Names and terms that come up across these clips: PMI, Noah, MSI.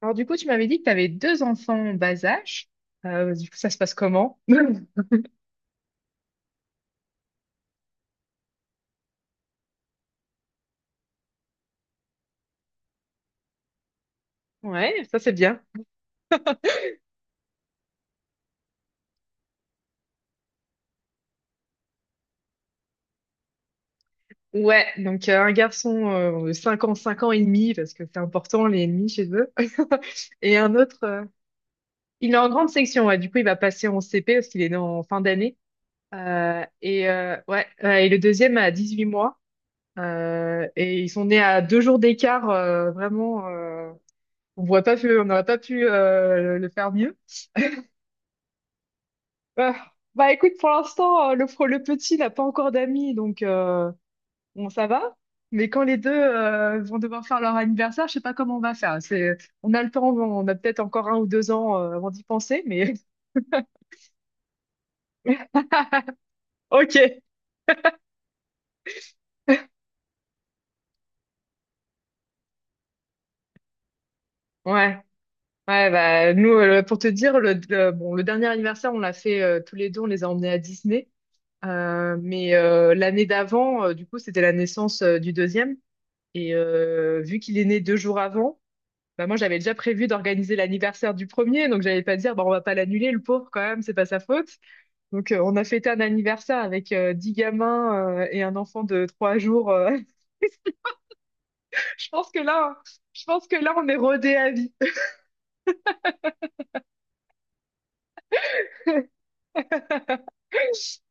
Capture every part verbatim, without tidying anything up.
Alors du coup, tu m'avais dit que tu avais deux enfants en bas âge. Euh, du coup, ça se passe comment? Ouais, ça c'est bien. Ouais, donc euh, un garçon euh, de cinq ans, cinq ans et demi, parce que c'est important les ennemis chez eux. Et un autre, euh, il est en grande section, ouais, du coup il va passer en C P parce qu'il est né en fin d'année. Euh, et, euh, ouais, euh, et le deuxième a dix-huit mois. Euh, et ils sont nés à deux jours d'écart, euh, vraiment, euh, on voit pas pu, on n'aurait pas pu euh, le faire mieux. Euh, bah écoute, pour l'instant, euh, le, pro- le petit n'a pas encore d'amis, donc euh, bon, ça va. Mais quand les deux euh, vont devoir faire leur anniversaire, je sais pas comment on va faire. C'est, on a le temps, on a peut-être encore un ou deux ans euh, avant d'y penser, mais ok. Ouais, ouais, bah nous, euh, pour te dire, le, le- bon, le dernier anniversaire, on l'a fait euh, tous les deux, on les a emmenés à Disney. Euh, mais euh, l'année d'avant, euh, du coup, c'était la naissance euh, du deuxième. Et euh, vu qu'il est né deux jours avant, bah moi, j'avais déjà prévu d'organiser l'anniversaire du premier, donc j'allais pas dire, bon, on va pas l'annuler, le pauvre, quand même, c'est pas sa faute. Donc, euh, on a fêté un anniversaire avec euh, dix gamins euh, et un enfant de trois jours. euh. Je pense que là, je pense que là, on est rodé à vie.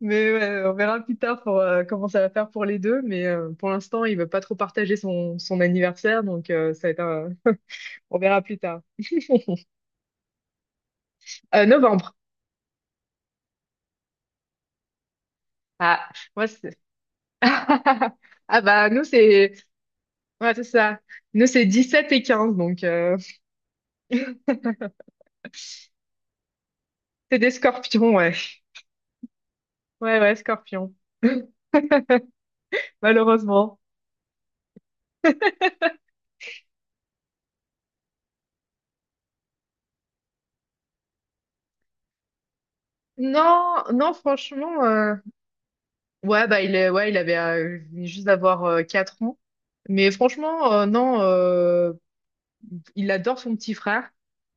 Mais ouais, on verra plus tard pour, euh, comment ça va faire pour les deux. Mais euh, pour l'instant, il veut pas trop partager son, son anniversaire, donc euh, ça va être un- on verra plus tard. Euh, novembre. Ah, moi, c'est... Ah bah, nous, c'est... Ouais, c'est ça. Nous, c'est dix-sept et quinze donc... euh, c'est des scorpions, ouais. Ouais, ouais, scorpions. Malheureusement. Non, non, franchement, euh, ouais, bah, il est, ouais, il avait euh, il venait juste d'avoir euh, quatre ans. Mais franchement, euh, non, euh, il adore son petit frère.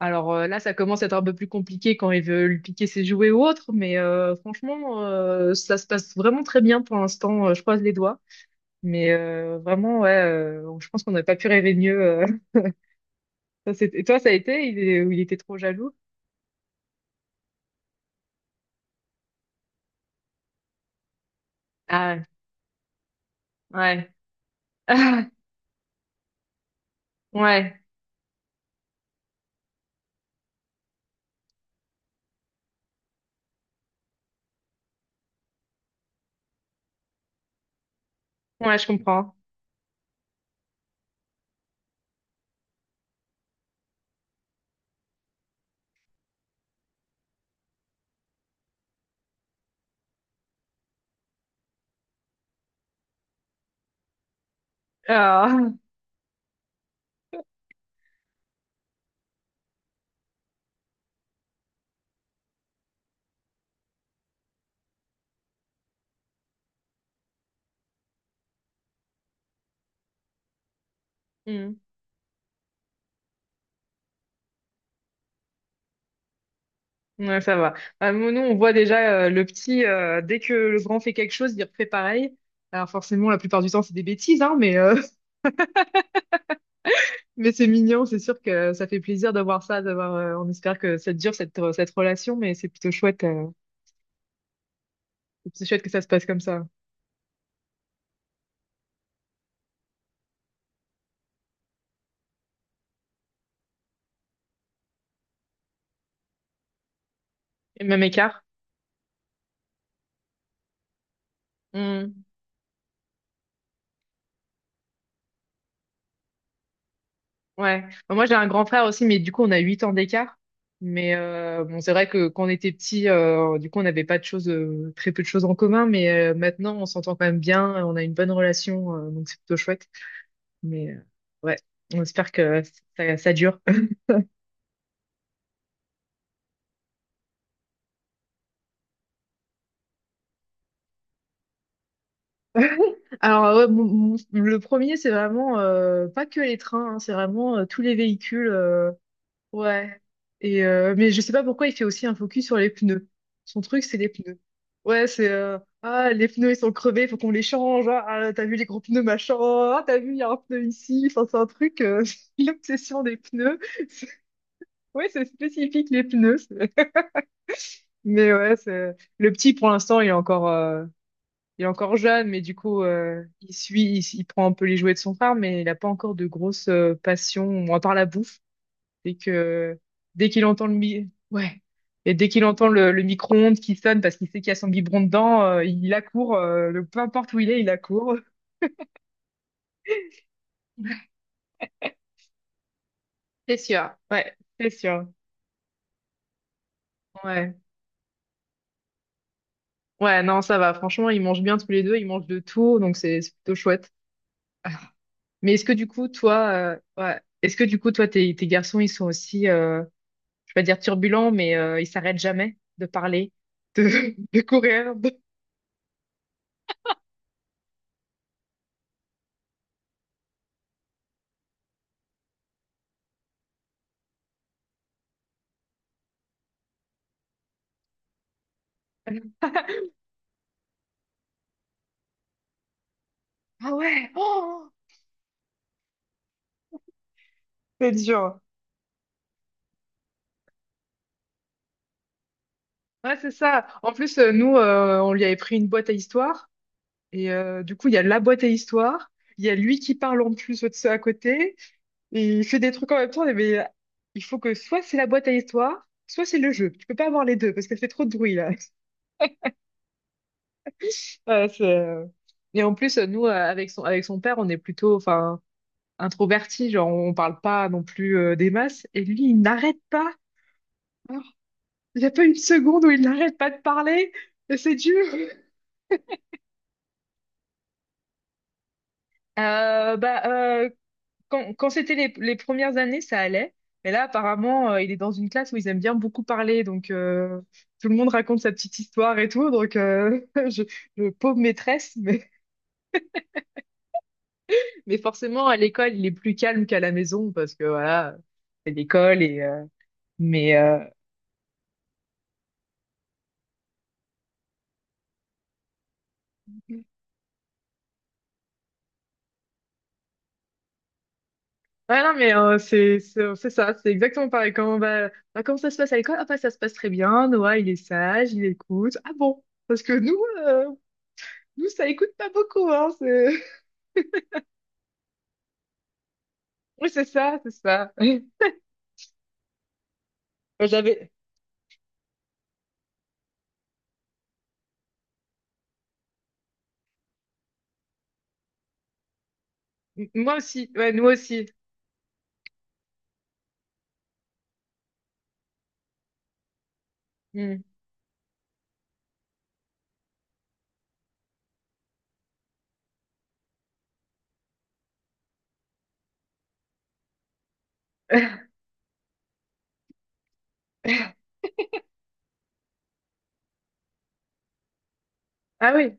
Alors euh, là, ça commence à être un peu plus compliqué quand il veut lui piquer ses jouets ou autre, mais euh, franchement, euh, ça se passe vraiment très bien pour l'instant. Euh, je croise les doigts. Mais euh, vraiment, ouais, euh, je pense qu'on n'aurait pas pu rêver mieux. euh. Ça, c'est- et toi, ça a été? Il est- ou il était trop jaloux? Ah, ouais. Ouais, ouais, je comprends. Ah, hmm. Ouais, ça va. Bah, nous, nous, on voit déjà euh, le petit, euh, dès que le grand fait quelque chose, il refait pareil. Alors forcément, la plupart du temps, c'est des bêtises, hein, mais, euh, mais c'est mignon, c'est sûr que ça fait plaisir d'avoir ça, d'avoir, euh, on espère que ça dure, cette, cette relation, mais c'est plutôt chouette, euh, c'est plutôt chouette que ça se passe comme ça. Et même écart. Hmm. Ouais. Bah, moi, j'ai un grand frère aussi, mais du coup, on a huit ans d'écart. Mais euh, bon, c'est vrai que quand on était petit, euh, du coup, on n'avait pas de choses, euh, très peu de choses en commun. Mais euh, maintenant, on s'entend quand même bien, on a une bonne relation, euh, donc c'est plutôt chouette. Mais euh, ouais, on espère que ça, ça dure. Alors, ouais, mon- mon- le premier, c'est vraiment euh, pas que les trains, hein, c'est vraiment euh, tous les véhicules. euh, Ouais. Et euh, mais je sais pas pourquoi il fait aussi un focus sur les pneus. Son truc, c'est les pneus. Ouais, c'est euh, ah les pneus ils sont crevés, faut qu'on les change. Ah, ah, t'as vu les gros pneus machin. Ah, t'as vu il y a un pneu ici. Enfin, c'est un truc euh, l'obsession des pneus. Ouais, c'est spécifique les pneus. c'est- Mais ouais, c'est le petit pour l'instant il est encore euh, il est encore jeune, mais du coup euh, il suit, il, il prend un peu les jouets de son frère, mais il a pas encore de grosses passion passions à part la bouffe. Dès que, dès qu'il entend le mi- ouais. Et dès qu'il entend le, le micro-ondes qui sonne parce qu'il sait qu'il y a son biberon dedans, euh, il accourt, euh, le, peu importe où il est, il accourt. C'est sûr, ouais, c'est sûr. Ouais. Ouais, non, ça va. Franchement, ils mangent bien tous les deux, ils mangent de tout, donc c'est c'est plutôt chouette. Mais est-ce que du coup, toi, euh, ouais, est-ce que du coup, toi, tes, tes garçons, ils sont aussi, euh, je vais pas dire turbulents, mais euh, ils s'arrêtent jamais de parler, de, de courir. de- Ah ouais, oh, c'est dur. Ouais, c'est ça. En plus, euh, nous, euh, on lui avait pris une boîte à histoire. Et euh, du coup, il y a la boîte à histoire. Il y a lui qui parle en plus de ceux à côté. Et il fait des trucs en même temps. on est, Mais euh, il faut que soit c'est la boîte à histoire, soit c'est le jeu. Tu peux pas avoir les deux parce qu'elle fait trop de bruit, là. Ouais, c'est, euh, et en plus, euh, nous, euh, avec son, avec son père, on est plutôt enfin, introvertis. Genre, on parle pas non plus euh, des masses. Et lui, il n'arrête pas. Oh, il n'y a pas une seconde où il n'arrête pas de parler. Et c'est dur. Euh, bah, euh, Quand, quand c'était les, les premières années, ça allait. Mais là, apparemment, euh, il est dans une classe où ils aiment bien beaucoup parler. Donc, euh, tout le monde raconte sa petite histoire et tout. Donc, euh, je, je- pauvre maîtresse. Mais, mais forcément, à l'école, il est plus calme qu'à la maison parce que, voilà, c'est l'école. Et, euh, mais, euh, ouais, non, mais euh, c'est c'est- c'est ça. C'est exactement pareil. Comment, bah, bah, comment ça se passe à l'école? Ah, bah, ça se passe très bien. Noah, il est sage, il écoute. Ah bon? Parce que nous, euh, nous, ça écoute pas beaucoup, hein. c'est- Oui, c'est ça, c'est ça. Bah, j'avais. M- Moi aussi. Ouais, nous aussi. Hmm. Ah oui.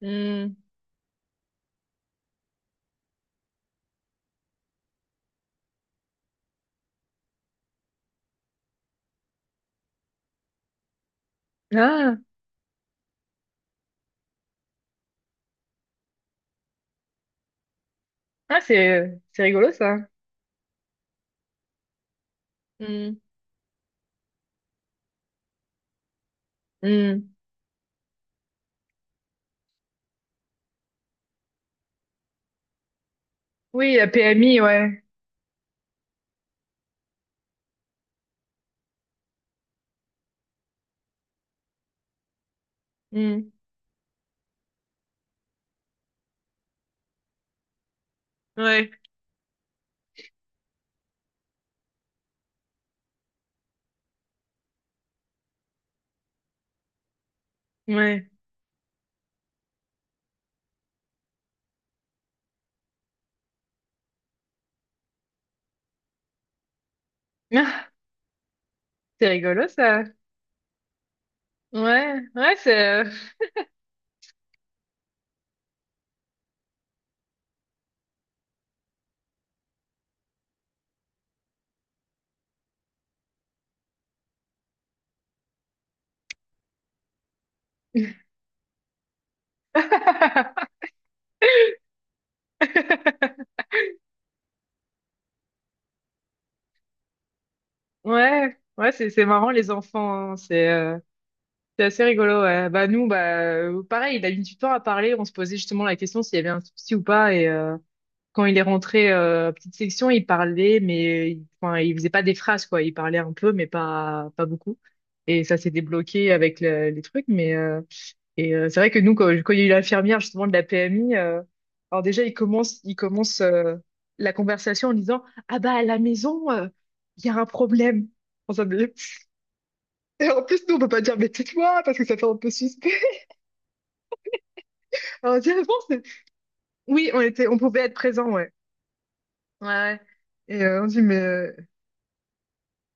Hmm. Ah, ah c'est c'est rigolo ça. Hmm. Hmm. Oui, la P M I, ouais. Hmm. Ouais, ouais. Ah, c'est rigolo ça. Ouais, ouais, c'est. Ouais, ouais, c'est c'est marrant les enfants. Hein. C'est euh, c'est assez rigolo. Ouais. Bah nous, bah euh, pareil, il a mis du temps à parler. On se posait justement la question s'il y avait un souci ou pas et. Euh, quand il est rentré euh, à petite section, il parlait, mais il, enfin, il faisait pas des phrases, quoi. Il parlait un peu, mais pas, pas beaucoup. Et ça s'est débloqué avec le- les trucs. Mais euh, et euh, c'est vrai que nous, quand, quand il y a eu l'infirmière justement de la P M I, euh, alors déjà il commence, il commence euh, la conversation en disant, ah bah à la maison, euh, il y a un problème. On s'en est- Et en plus, nous, on peut pas dire, mais tais-toi, parce que ça fait un peu suspect. Alors, on dit, ah bon, c'est- oui, on était, on pouvait être présent, ouais. Ouais. Ouais. Et euh, on dit, mais euh,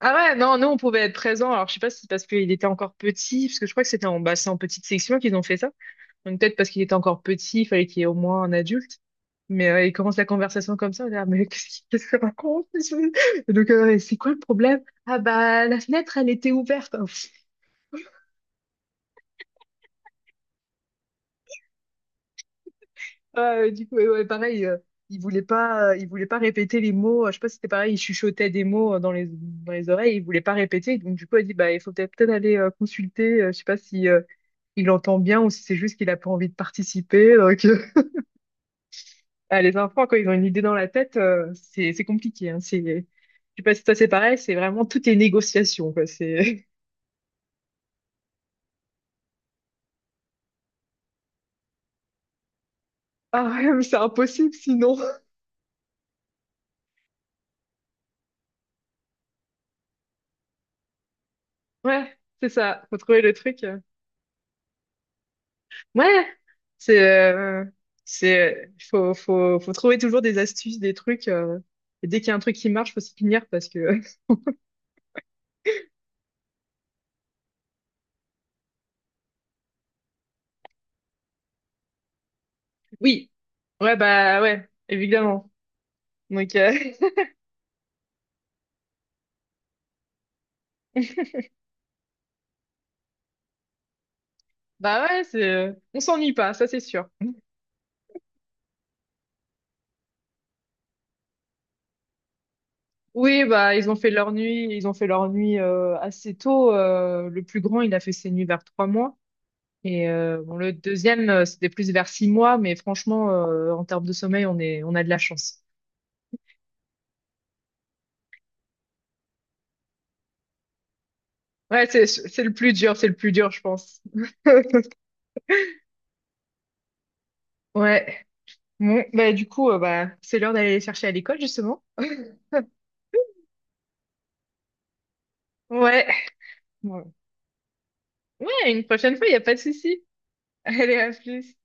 ah ouais, non, nous, on pouvait être présents. Alors, je sais pas si c'est parce qu'il était encore petit, parce que je crois que c'était en, bah, c'est en petite section qu'ils ont fait ça. Donc, peut-être parce qu'il était encore petit, il fallait qu'il y ait au moins un adulte. Mais euh, il commence la conversation comme ça, on est là, mais qu'est-ce qu'il qu'est-ce qu'il raconte? Et donc, euh, c'est quoi le problème? Ah bah, la fenêtre, elle était ouverte. Ouais, ouais, du coup, ouais, ouais, pareil, euh, il voulait pas, euh, il voulait pas répéter les mots. euh, Je sais pas si c'était pareil, il chuchotait des mots euh, dans les, dans les oreilles, il voulait pas répéter. Donc, du coup, elle dit, bah, il faut peut-être peut-être aller euh, consulter. euh, Je sais pas si euh, il entend bien ou si c'est juste qu'il a pas envie de participer. Donc, euh, ah, les enfants, quand ils ont une idée dans la tête, euh, c'est, c'est compliqué. Hein, c'est, je sais pas si toi c'est pareil, c'est vraiment toutes les négociations, quoi. C'est, ah ouais, mais c'est impossible sinon. Ouais, c'est ça, faut trouver le truc. euh. Ouais, c'est, euh, c'est, euh, faut, faut, faut trouver toujours des astuces, des trucs. Euh, et dès qu'il y a un truc qui marche, faut s'y tenir parce que. Oui, ouais, bah ouais, évidemment. Donc, euh, bah ouais, c'est, euh, on s'ennuie pas, ça c'est sûr. Oui, bah ils ont fait leur nuit, ils ont fait leur nuit euh, assez tôt. Euh, le plus grand, il a fait ses nuits vers trois mois. Et euh, bon, le deuxième, euh, c'était plus vers six mois, mais franchement, euh, en termes de sommeil, on est, on a de la chance. Ouais, c'est, c'est le plus dur, c'est le plus dur, je pense. Ouais. Bon, bah du coup, euh, bah, c'est l'heure d'aller les chercher à l'école, justement. Ouais. Ouais, Ouais, une prochaine fois, il n'y a pas de souci. Allez, à plus.